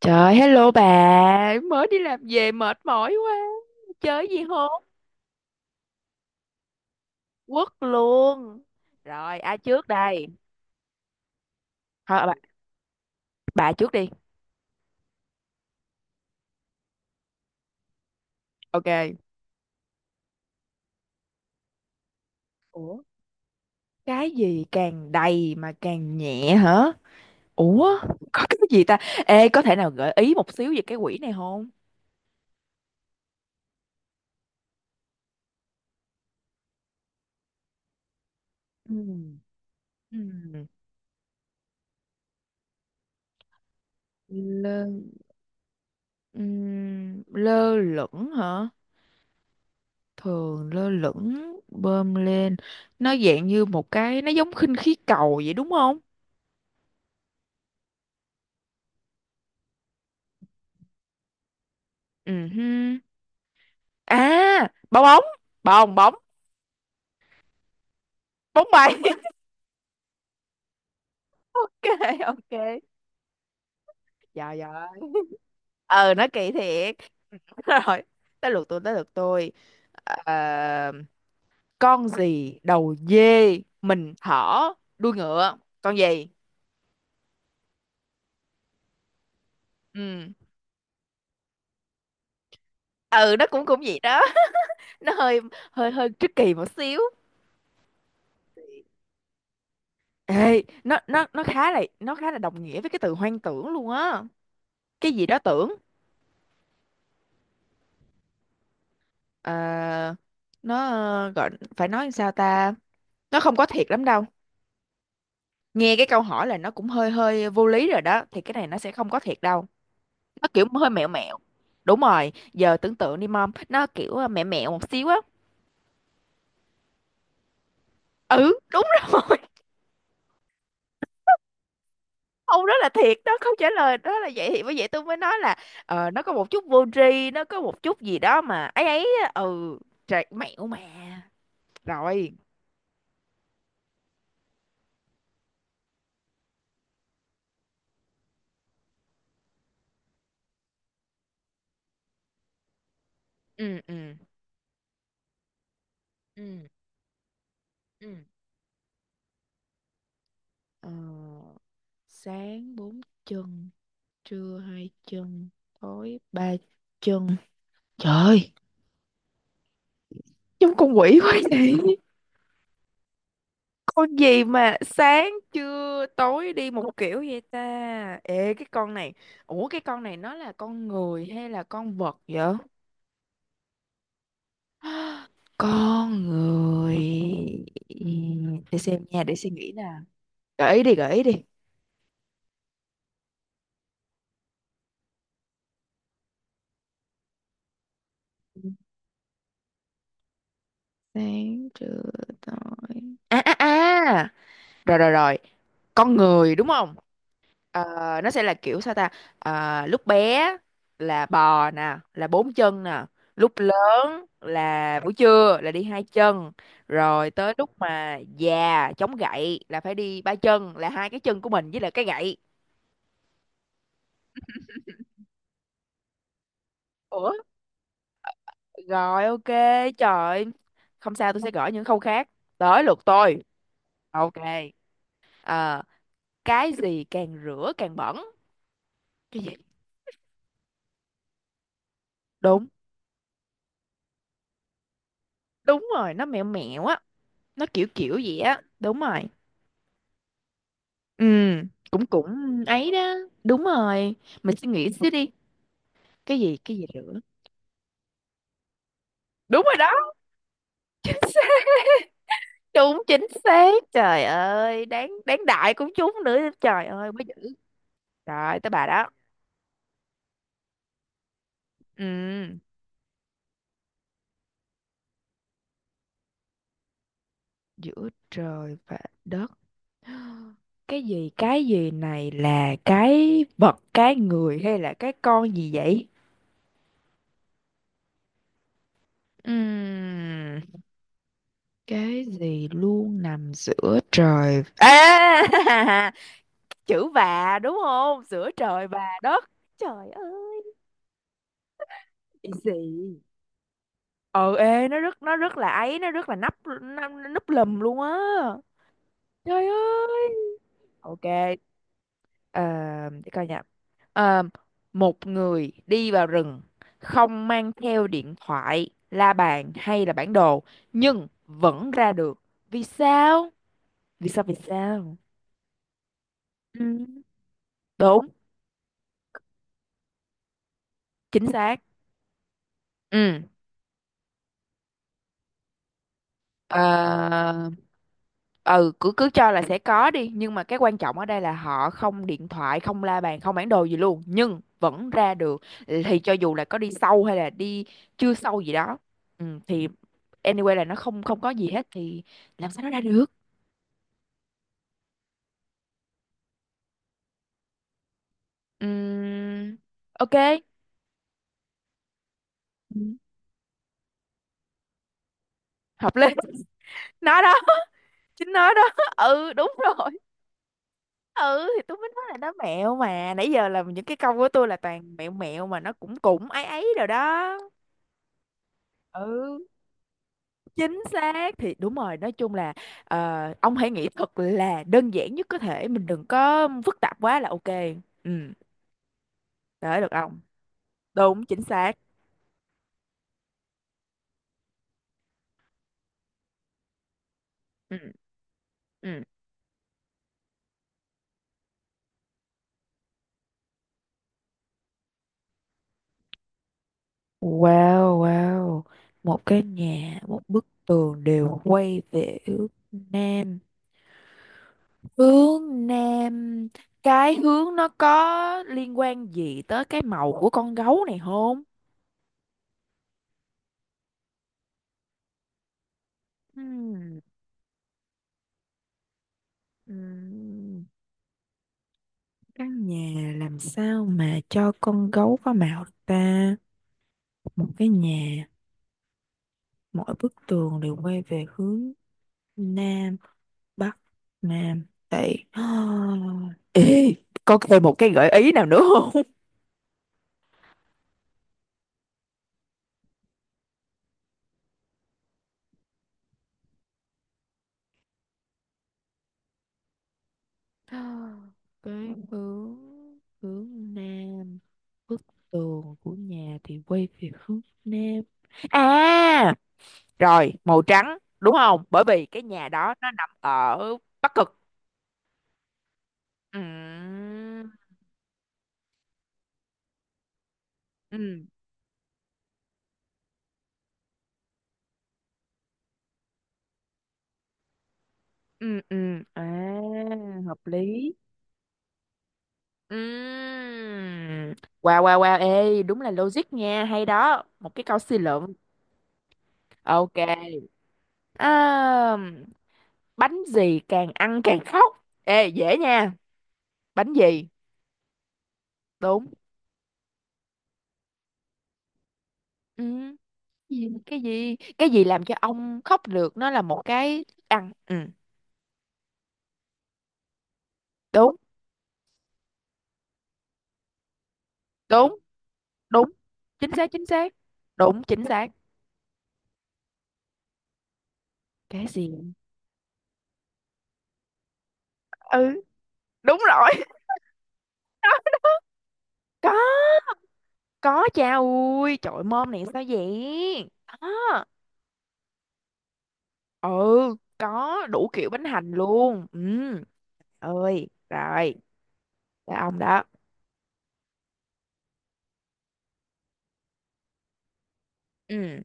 Trời, hello bà, mới đi làm về mệt mỏi quá. Chơi gì không? Quất luôn. Rồi, ai trước đây? Thôi, bà trước đi. Ok. Ủa, cái gì càng đầy mà càng nhẹ hả? Ủa, có cái gì ta? Ê, có thể nào gợi ý một xíu về cái quỷ này không? Ừm. Ừm. Lơ, lơ lửng hả? Thường lơ lửng bơm lên, nó dạng như một cái, nó giống khinh khí cầu vậy đúng không? Ừ hư. À, bong bóng, bong bóng, bóng bay. Ok, ok. Trời ơi. Ờ nó kỳ thiệt. Rồi, tới lượt tôi. Ờ, con gì đầu dê mình thỏ đuôi ngựa, con gì? Ừ. ừ nó cũng cũng vậy đó. Nó hơi, hơi tricky một xíu. Ê, nó khá là đồng nghĩa với cái từ hoang tưởng luôn á. Cái gì đó tưởng. Ờ, nó gọi, phải nói làm sao ta? Nó không có thiệt lắm đâu. Nghe cái câu hỏi là nó cũng hơi hơi vô lý rồi đó, thì cái này nó sẽ không có thiệt đâu. Nó kiểu hơi mẹo mẹo. Đúng rồi, giờ tưởng tượng đi mom, nó kiểu mẹo mẹo một xíu á. Ừ, đúng rồi. Ông đó là thiệt đó, câu trả lời đó là vậy, thì bởi vậy tôi mới nói là nó có một chút vô tri, nó có một chút gì đó mà ấy ấy á. Ừ, trời, mẹo mà. Rồi. Ừ, ừ, ừ ừ. Ờ, Sáng bốn chân, trưa hai chân, tối ba chân. Trời, giống con quỷ quá vậy. Con gì mà sáng trưa tối đi một kiểu vậy ta? Ê, cái con này, ủa cái con này nó là con người hay là con vật vậy? Con người. Ừ, để xem nha, để suy nghĩ nè. Gợi ý đi, gợi ý đi. Sáng trưa tối. À à à. Rồi rồi rồi. Con người đúng không? Ờ, nó sẽ là kiểu sao ta. Lúc bé là bò nè, là bốn chân nè, lúc lớn là buổi trưa là đi hai chân, rồi tới lúc mà già chống gậy là phải đi ba chân, là hai cái chân của mình với lại cái gậy. Ủa? Rồi, ok. Trời ơi. Không sao, tôi sẽ gõ những khâu khác. Tới lượt tôi. Ok. Ờ, cái gì càng rửa càng bẩn? Cái gì? Đúng. Đúng rồi, nó mẹo mẹo á. Nó kiểu kiểu gì á, đúng rồi. Ừ, cũng cũng ấy đó. Đúng rồi. Mình suy nghĩ xíu đi. Cái gì nữa? Đúng rồi đó, đúng chính xác. Trời ơi, đáng đáng đại cũng trúng nữa. Trời ơi, mới giữ. Rồi, tới bà đó. Ừ, giữa trời và đất. Cái gì này là cái vật, cái người hay là cái con gì vậy? Ừm, cái gì luôn nằm giữa trời? À! Chữ "và", đúng không? Giữa trời và đất. Trời ơi. Easy. Ờ ê Nó rất, nó rất là ấy nó rất là nắp, nó núp lùm luôn á. Trời ơi. Ok. ờ, để coi nha. Ờ, Một người đi vào rừng, không mang theo điện thoại, la bàn hay là bản đồ, nhưng vẫn ra được, vì sao? Vì sao? Ừ, đúng chính xác. Ừ. ờ, ừ, cứ cứ cho là sẽ có đi, nhưng mà cái quan trọng ở đây là họ không điện thoại, không la bàn, không bản đồ gì luôn, nhưng vẫn ra được. Thì cho dù là có đi sâu hay là đi chưa sâu gì đó, ừ, thì anyway là nó không không có gì hết, thì làm sao nó ra được? Ừm, ok. Ừ, hợp lý. Nó đó. Chính nó đó. Ừ, đúng rồi. Ừ, thì tôi mới nói là nó mẹo mà, nãy giờ là những cái câu của tôi là toàn mẹo mẹo, mà nó cũng cũng ấy ấy rồi đó. Ừ, chính xác thì đúng rồi, nói chung là ông hãy nghĩ thật là đơn giản nhất có thể, mình đừng có phức tạp quá là ok. Ừ. Để được ông. Đúng chính xác. Ừ. Ừ. Wow, wow. Một cái nhà, một bức tường đều quay về hướng Nam. Hướng nam, cái hướng nó có liên quan gì tới cái màu của con gấu này không? Ừm, Căn nhà làm sao mà cho con gấu có mạo được ta? Một cái nhà, mỗi bức tường đều quay về hướng nam, bắc, nam, tây. Ê, có thêm một cái gợi ý nào nữa không? Cái hướng, hướng nam, bức tường của nhà thì quay về hướng nam. À, rồi, màu trắng, đúng không? Bởi vì cái nhà đó nó nằm ở Bắc Cực. Ừ. Ừ. ừ ừ À, hợp lý. Ừm. Wow, wow, wow, ê, đúng là logic nha, hay đó, một cái câu suy luận. Ok. À, bánh gì càng ăn càng khóc? Ê dễ nha. Bánh gì? Đúng. Ừ. Cái gì cái gì làm cho ông khóc được, nó là một cái thức ăn. Ừ. Đúng. Đúng đúng chính xác. Chính xác. Đúng chính xác. Cái gì? Ừ, đúng rồi. Có. Có cha ui, trời ơi, mom này sao vậy? Đó. Ừ, có đủ kiểu bánh hành luôn. Ừ, ơi, rồi, là ông đó. Ừ,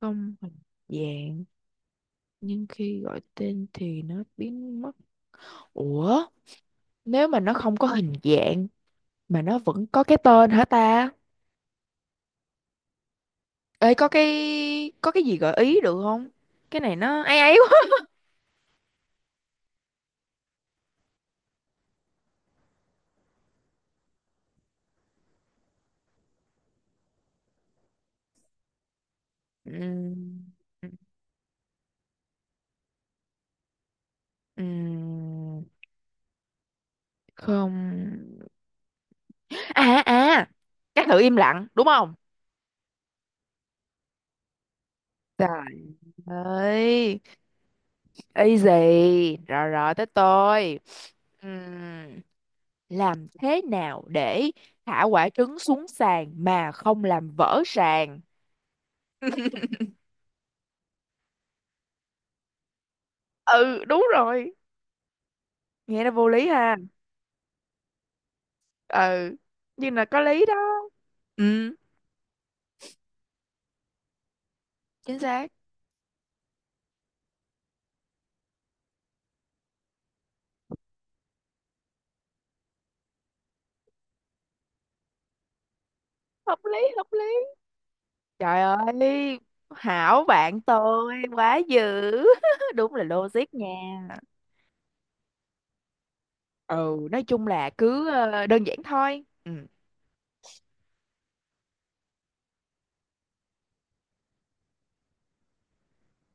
không hình dạng, nhưng khi gọi tên thì nó biến mất. Ủa, nếu mà nó không có hình dạng mà nó vẫn có cái tên hả ta? Ê, có cái gì gợi ý được không? Cái này nó ấy ấy quá. Ừ. ừ, Không. À à, các tự im lặng đúng không? Trời ơi. Easy rồi, rồi, tới tôi. Ừm, làm thế nào để thả quả trứng xuống sàn mà không làm vỡ sàn? Ừ, đúng rồi. Nghe nó vô lý ha. Ừ, nhưng là có lý đó. Ừ. Chính xác. Hợp lý, hợp lý. Trời ơi, hảo bạn tôi quá dữ. Đúng là logic nha. Ừ, nói chung là cứ đơn giản thôi. Ừ.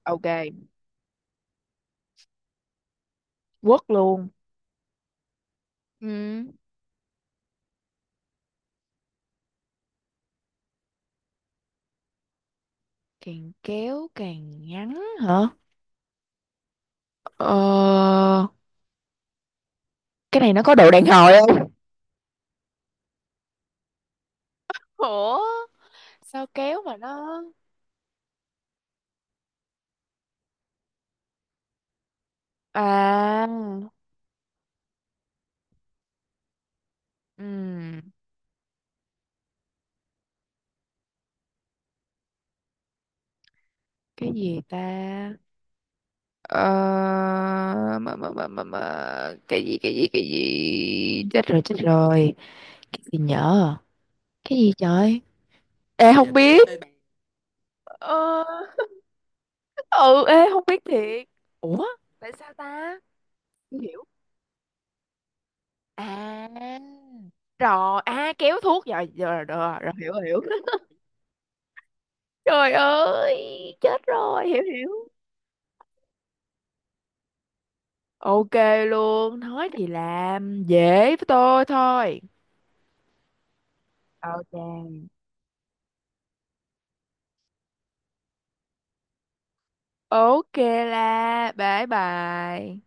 Ok, quất luôn. Ừ, càng kéo càng ngắn hả? ờ cái này nó có độ đàn hồi không? Ủa, sao kéo mà nó. À. Ừm, cái gì ta? ờ mà. Cái gì, cái gì? Chết rồi, chết rồi. Cái gì nhở? Cái gì, trời. Không biết. Ờ ừ ê Không biết thiệt. Ủa, tại sao ta? Không hiểu. À, rồi, à, kéo thuốc, rồi, hiểu, trời ơi, chết rồi, hiểu, hiểu. Ok. Luôn nói thì làm dễ với tôi thôi. Ok. Ok, là bye bye.